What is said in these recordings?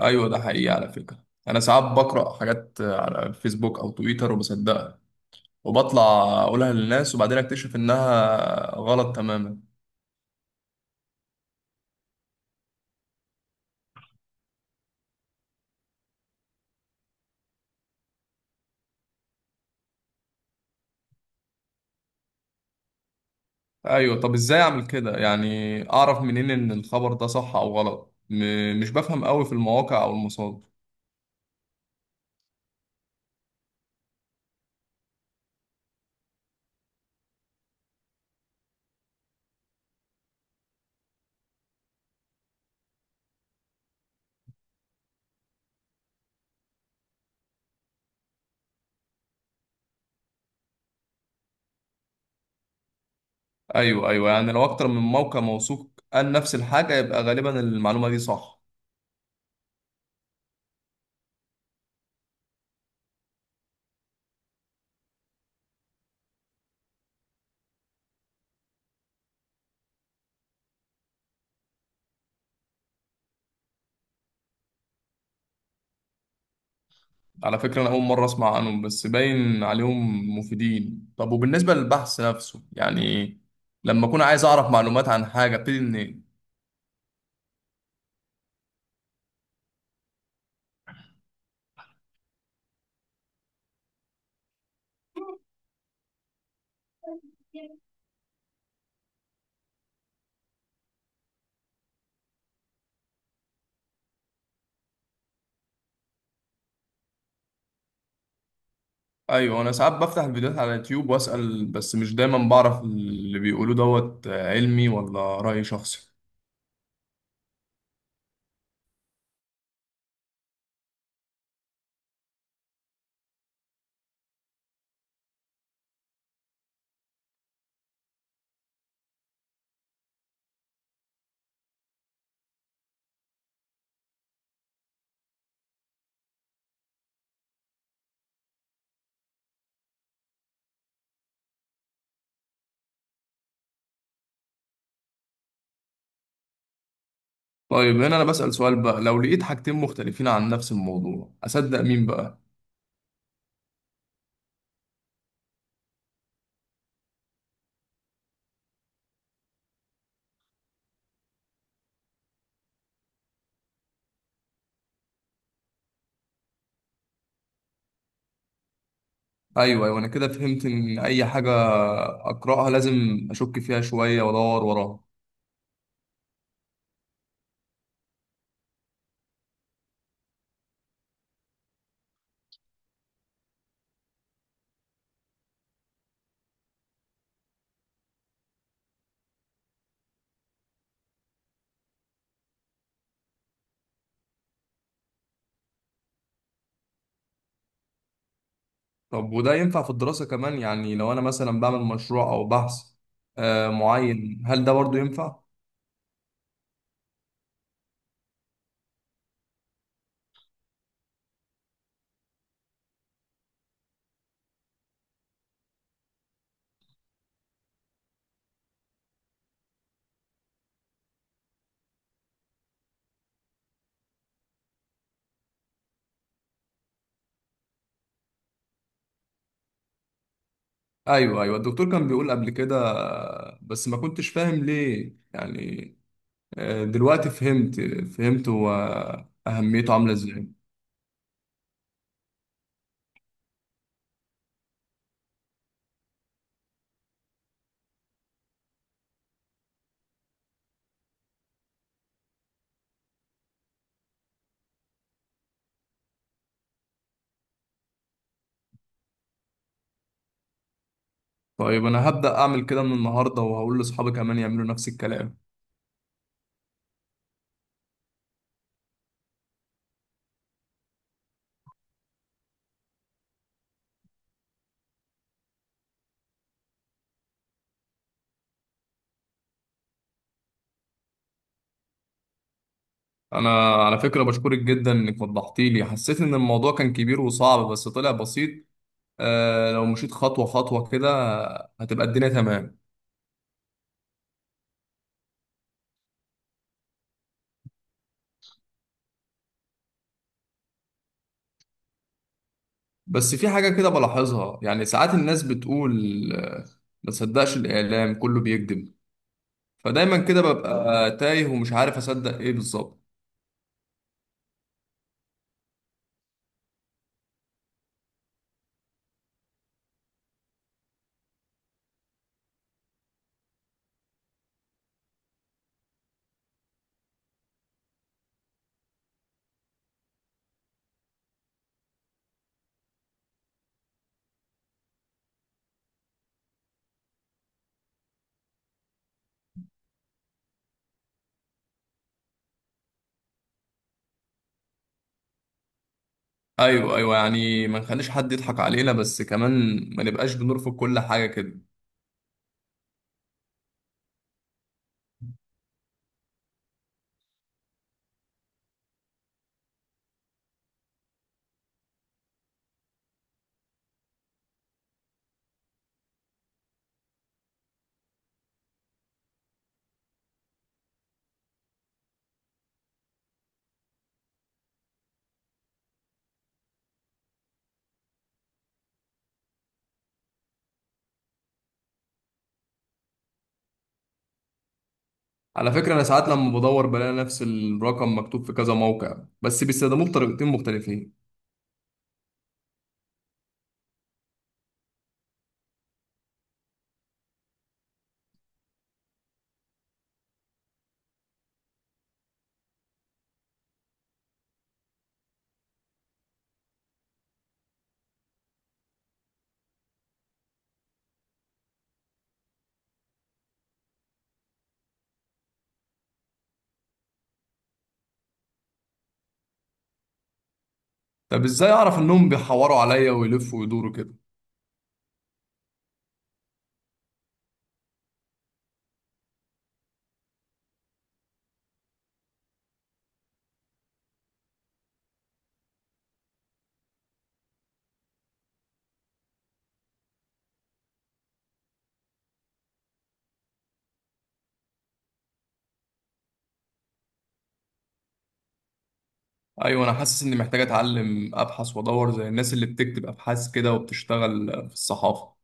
ايوه، ده حقيقي على فكره. انا ساعات بقرا حاجات على الفيسبوك او تويتر وبصدقها وبطلع اقولها للناس وبعدين اكتشف انها غلط تماما. ايوه، طب ازاي اعمل كده؟ يعني اعرف منين ان الخبر ده صح او غلط؟ مش بفهم قوي في المواقع او المصادر. ايوه، ايوه، يعني لو اكتر من موقع موثوق قال نفس الحاجه يبقى غالبا المعلومه دي صح. على فكرة، أنا أول مرة أسمع عنهم بس باين عليهم مفيدين. طب وبالنسبة للبحث نفسه، يعني لما أكون عايز أعرف معلومات عن حاجة أبتدي منين؟ أيوه، أنا ساعات بفتح الفيديوهات على اليوتيوب وأسأل بس مش دايما بعرف اللي بيقولوه دوت علمي ولا رأي شخصي. طيب، هنا أنا بسأل سؤال بقى، لو لقيت حاجتين مختلفين عن نفس الموضوع أصدق مين بقى؟ أيوه، أيوه، أنا كده فهمت إن أي حاجة أقرأها لازم أشك فيها شوية وأدور وراها. طب وده ينفع في الدراسة كمان؟ يعني لو أنا مثلا بعمل مشروع أو بحث معين، هل ده برضو ينفع؟ أيوه، أيوه، الدكتور كان بيقول قبل كده بس ما كنتش فاهم ليه يعني. دلوقتي فهمت هو أهميته عاملة إزاي. طيب، أنا هبدأ أعمل كده من النهاردة وهقول لأصحابي كمان يعملوا نفس الكلام. أنا على فكرة بشكرك جدا إنك وضحتي لي. حسيت إن الموضوع كان كبير وصعب بس طلع بسيط. لو مشيت خطوة خطوة كده هتبقى الدنيا تمام. بس في حاجة كده بلاحظها، يعني ساعات الناس بتقول ما تصدقش الإعلام كله بيكذب. فدايما كده ببقى تايه ومش عارف أصدق إيه بالظبط. أيوه، أيوه، يعني ما نخليش حد يضحك علينا بس كمان ما نبقاش بنرفض كل حاجة كده. على فكرة، أنا ساعات لما بدور بلاقي نفس الرقم مكتوب في كذا موقع بس بيستخدموه بطريقتين مختلفين. طب إزاي أعرف إنهم بيحوروا عليا ويلفوا ويدوروا كده؟ أيوه، أنا حاسس إني محتاج أتعلم أبحث وأدور زي الناس اللي بتكتب أبحاث كده وبتشتغل في الصحافة.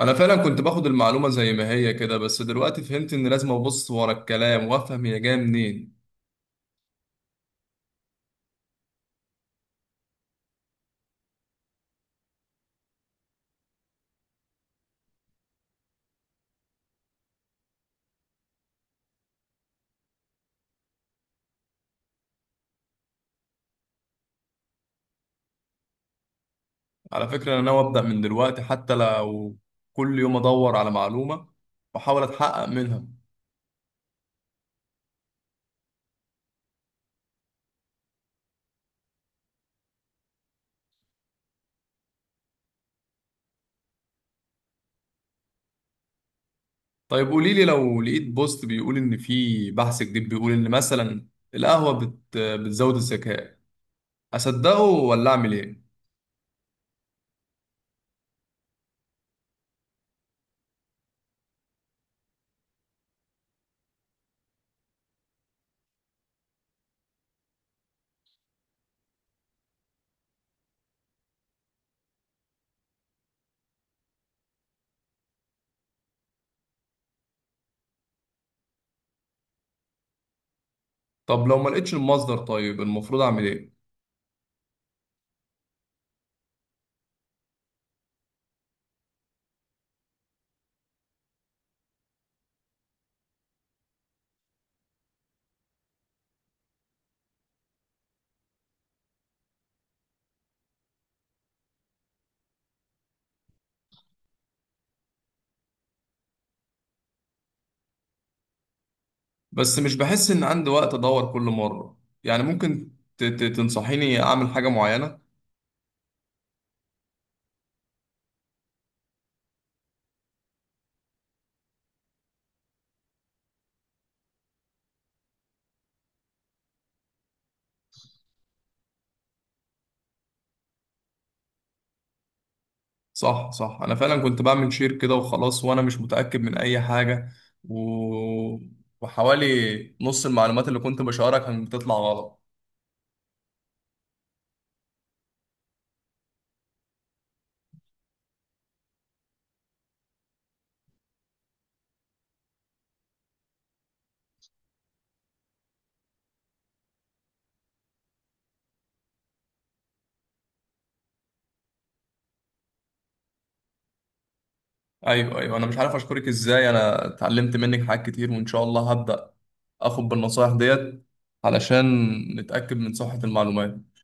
انا فعلا كنت باخد المعلومه زي ما هي كده، بس دلوقتي فهمت ان لازم ابص ورا الكلام وافهم هي جايه منين. على فكره، انا ناوي ابدا من دلوقتي، حتى لو كل يوم ادور على معلومه واحاول اتحقق منها. طيب قولي لي، لو لقيت بوست بيقول ان في بحث جديد بيقول ان مثلا القهوه بتزود الذكاء، اصدقه ولا اعمل ايه؟ طب لو ما لقيتش المصدر، طيب المفروض اعمل ايه؟ بس مش بحس ان عندي وقت ادور كل مره. يعني ممكن تنصحيني اعمل حاجه معينه؟ صح، صح، انا فعلا كنت بعمل شير كده وخلاص وانا مش متاكد من اي حاجه، و... وحوالي نص المعلومات اللي كنت بشاركها كانت بتطلع غلط. ايوه، ايوه، انا مش عارف اشكرك ازاي. انا اتعلمت منك حاجات كتير، وان شاء الله هبدا اخد بالنصايح ديت علشان نتاكد من صحه المعلومات.